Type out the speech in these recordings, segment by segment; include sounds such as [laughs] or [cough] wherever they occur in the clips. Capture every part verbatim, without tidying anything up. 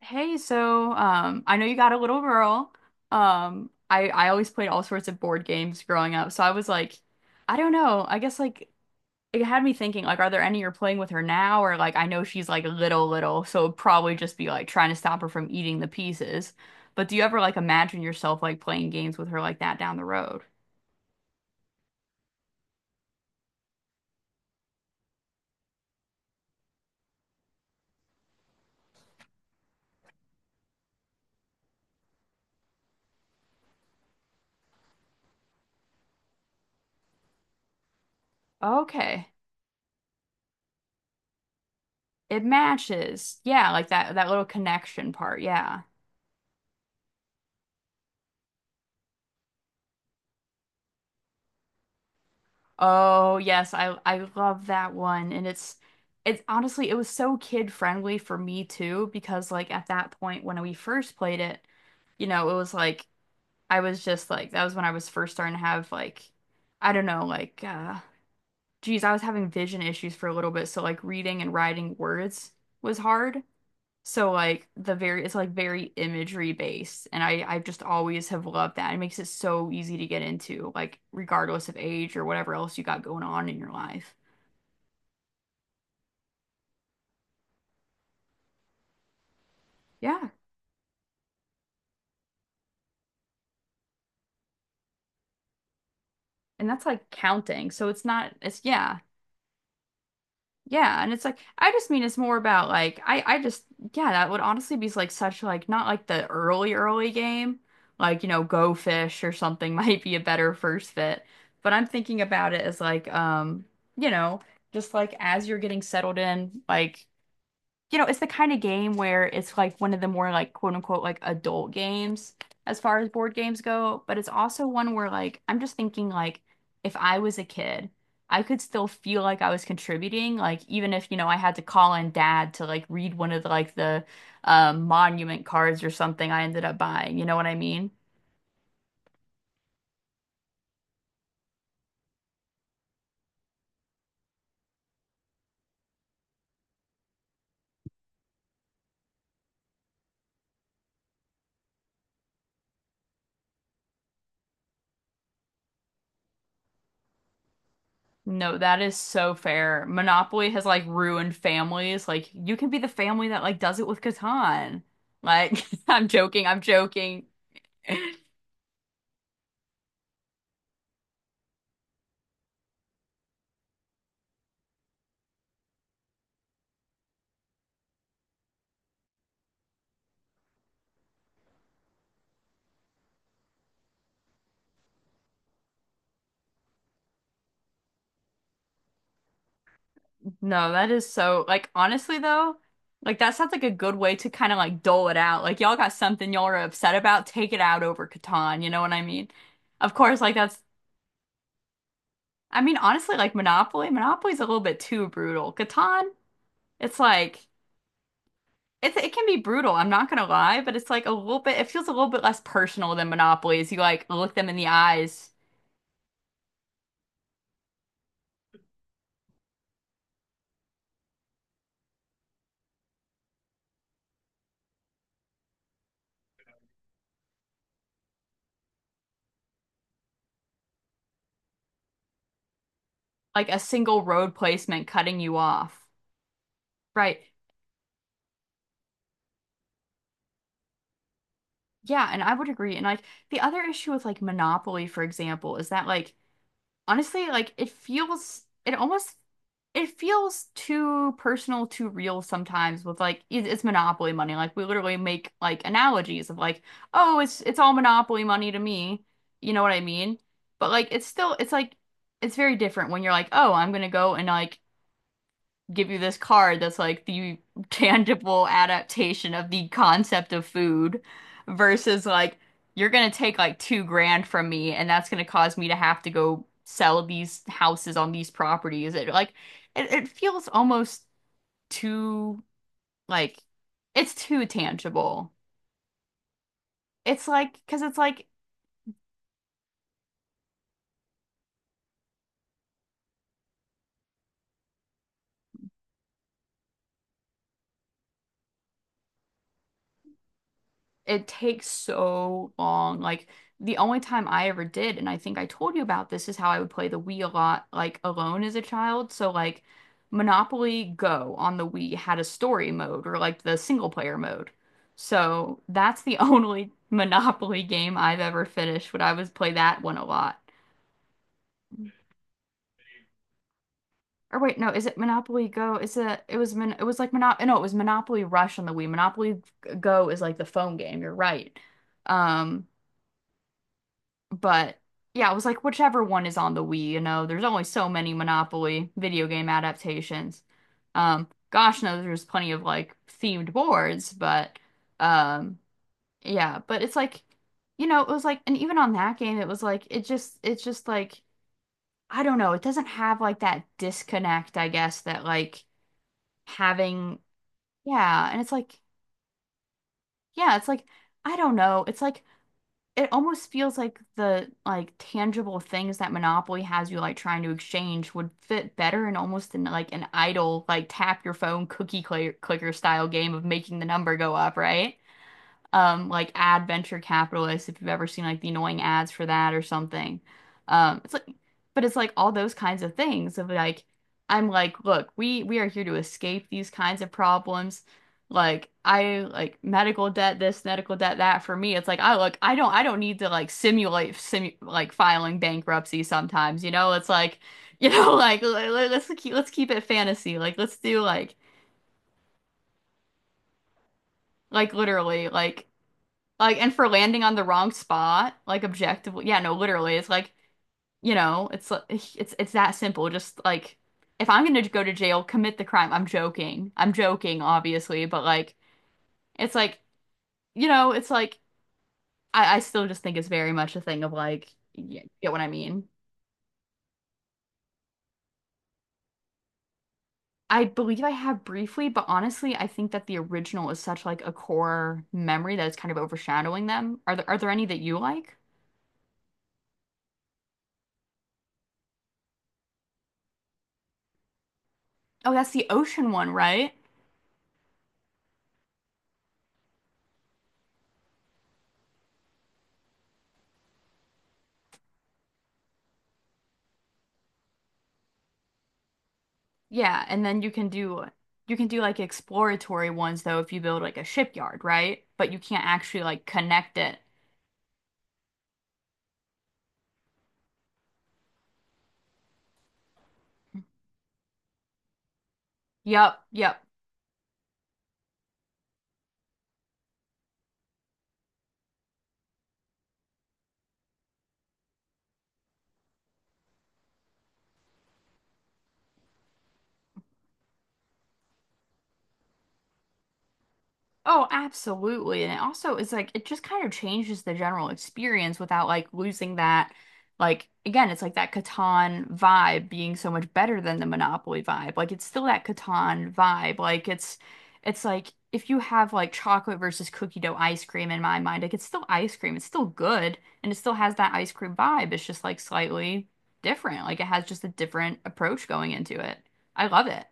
Hey, so um, I know you got a little girl. Um, I I always played all sorts of board games growing up, so I was like, I don't know. I guess like it had me thinking like, are there any you're playing with her now, or like I know she's like little little, so it'd probably just be like trying to stop her from eating the pieces. But do you ever like imagine yourself like playing games with her like that down the road? Okay, it matches. Yeah, like that that little connection part. Yeah. Oh, yes, I I love that one. And it's it's honestly it was so kid friendly for me too because like at that point when we first played it, you know, it was like I was just like that was when I was first starting to have like I don't know, like uh geez, I was having vision issues for a little bit, so like reading and writing words was hard. So like the very it's like very imagery based and I I just always have loved that. It makes it so easy to get into like regardless of age or whatever else you got going on in your life. Yeah. And that's like counting. So it's not it's yeah. Yeah, and it's like I just mean it's more about like I I just yeah, that would honestly be like such like not like the early early game. Like, you know, Go Fish or something [laughs] might be a better first fit. But I'm thinking about it as like um, you know, just like as you're getting settled in, like you know, it's the kind of game where it's like one of the more like quote unquote like adult games as far as board games go, but it's also one where like I'm just thinking like if I was a kid, I could still feel like I was contributing, like even if, you know, I had to call in dad to like read one of the, like the um, monument cards or something I ended up buying, you know what I mean? No, that is so fair. Monopoly has like ruined families. Like you can be the family that like does it with Catan. Like [laughs] I'm joking, I'm joking. [laughs] No, that is so like honestly though, like that sounds like a good way to kind of like dole it out. Like y'all got something y'all are upset about, take it out over Catan, you know what I mean? Of course, like that's I mean honestly like Monopoly, Monopoly's a little bit too brutal. Catan, it's like it's it can be brutal, I'm not gonna lie, but it's like a little bit it feels a little bit less personal than Monopoly as you like look them in the eyes, like a single road placement cutting you off. Right. Yeah, and I would agree. And like the other issue with like Monopoly, for example, is that like honestly, like it feels, it almost, it feels too personal, too real sometimes with like, it- it's monopoly money. Like we literally make like analogies of like, oh, it's, it's all monopoly money to me. You know what I mean? But like, it's still, it's like, it's very different when you're like, oh, I'm gonna go and like give you this card that's like the tangible adaptation of the concept of food versus like you're gonna take like two grand from me and that's gonna cause me to have to go sell these houses on these properties. It like it, it feels almost too like it's too tangible. It's like because it's like it takes so long. Like the only time I ever did, and I think I told you about this, is how I would play the Wii a lot, like alone as a child. So like Monopoly Go on the Wii had a story mode or like the single player mode. So that's the [laughs] only Monopoly game I've ever finished when I was play that one a lot. Or wait, no, is it Monopoly Go? Is it it was Mon it was like Monopoly no, it was Monopoly Rush on the Wii. Monopoly Go is like the phone game. You're right. Um But yeah, I was like whichever one is on the Wii, you know, there's only so many Monopoly video game adaptations. Um, gosh knows there's plenty of like themed boards, but um yeah, but it's like, you know, it was like and even on that game it was like it just it's just like I don't know, it doesn't have like that disconnect, I guess, that like having yeah, and it's like yeah, it's like I don't know. It's like it almost feels like the like tangible things that Monopoly has you like trying to exchange would fit better in almost in like an idle like tap your phone cookie cl clicker style game of making the number go up, right? um like ad venture capitalists if you've ever seen like the annoying ads for that or something. Um it's like but it's like all those kinds of things of like I'm like, look, we we are here to escape these kinds of problems. Like I like medical debt this, medical debt that for me. It's like I look, I don't I don't need to like simulate simu like filing bankruptcy sometimes, you know? It's like, you know, [laughs] like let- let- let's keep let's keep it fantasy. Like let's do like like literally like Like, and for landing on the wrong spot, like objectively, yeah, no, literally, it's like, you know, it's li- it's it's that simple. Just like, if I'm gonna go to jail, commit the crime. I'm joking. I'm joking, obviously, but like, it's like, you know, it's like, I I still just think it's very much a thing of like, yeah, get what I mean? I believe I have briefly, but honestly, I think that the original is such like a core memory that it's kind of overshadowing them. Are there are there any that you like? Oh, that's the ocean one, right? Yeah, and then you can do you can do like exploratory ones though if you build like a shipyard, right? But you can't actually like connect it. Yep, yep. Oh, absolutely. And it also is like it just kind of changes the general experience without like losing that like again, it's like that Catan vibe being so much better than the Monopoly vibe. Like it's still that Catan vibe. Like it's it's like if you have like chocolate versus cookie dough ice cream in my mind, like it's still ice cream. It's still good and it still has that ice cream vibe. It's just like slightly different. Like it has just a different approach going into it. I love it.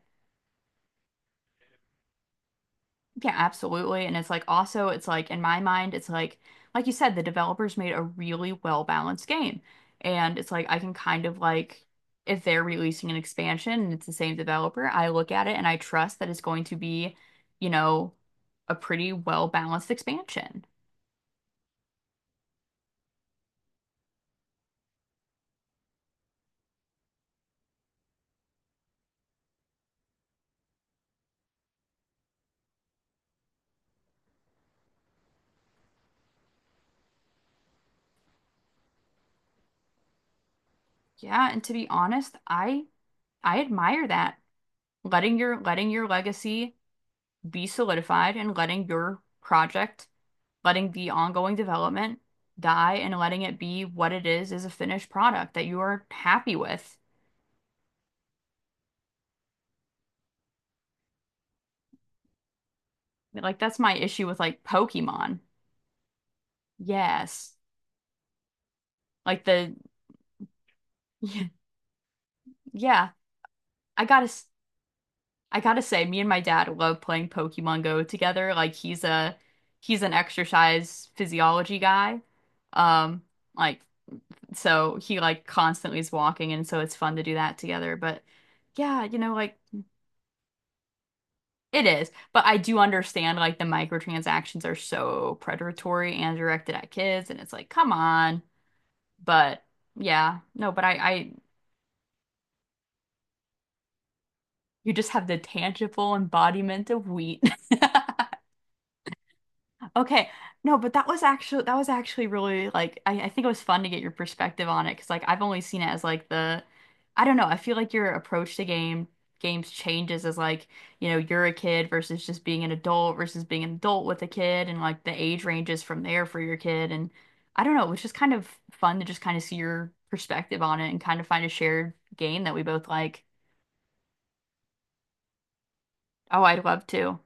Yeah, absolutely. And it's like also, it's like in my mind, it's like, like you said, the developers made a really well balanced game. And it's like, I can kind of like, if they're releasing an expansion and it's the same developer, I look at it and I trust that it's going to be, you know, a pretty well balanced expansion. Yeah. And to be honest, I, I admire that. Letting your, letting your legacy be solidified and letting your project letting the ongoing development die and letting it be what it is is a finished product that you are happy with. Like that's my issue with like Pokemon. Yes. Like the [laughs] yeah, I gotta I I gotta say me and my dad love playing Pokemon Go together. Like he's a he's an exercise physiology guy. Um like so he like constantly is walking and so it's fun to do that together. But yeah, you know like it is, but I do understand like the microtransactions are so predatory and directed at kids, and it's like, come on. But yeah, no, but I, I, you just have the tangible embodiment of wheat. [laughs] Okay. No, but that was actually that was actually really like I, I think it was fun to get your perspective on it because like I've only seen it as like the I don't know, I feel like your approach to game games changes as like, you know, you're a kid versus just being an adult versus being an adult with a kid and like the age ranges from there for your kid and I don't know, it was just kind of fun to just kind of see your perspective on it and kind of find a shared game that we both like. Oh, I'd love to.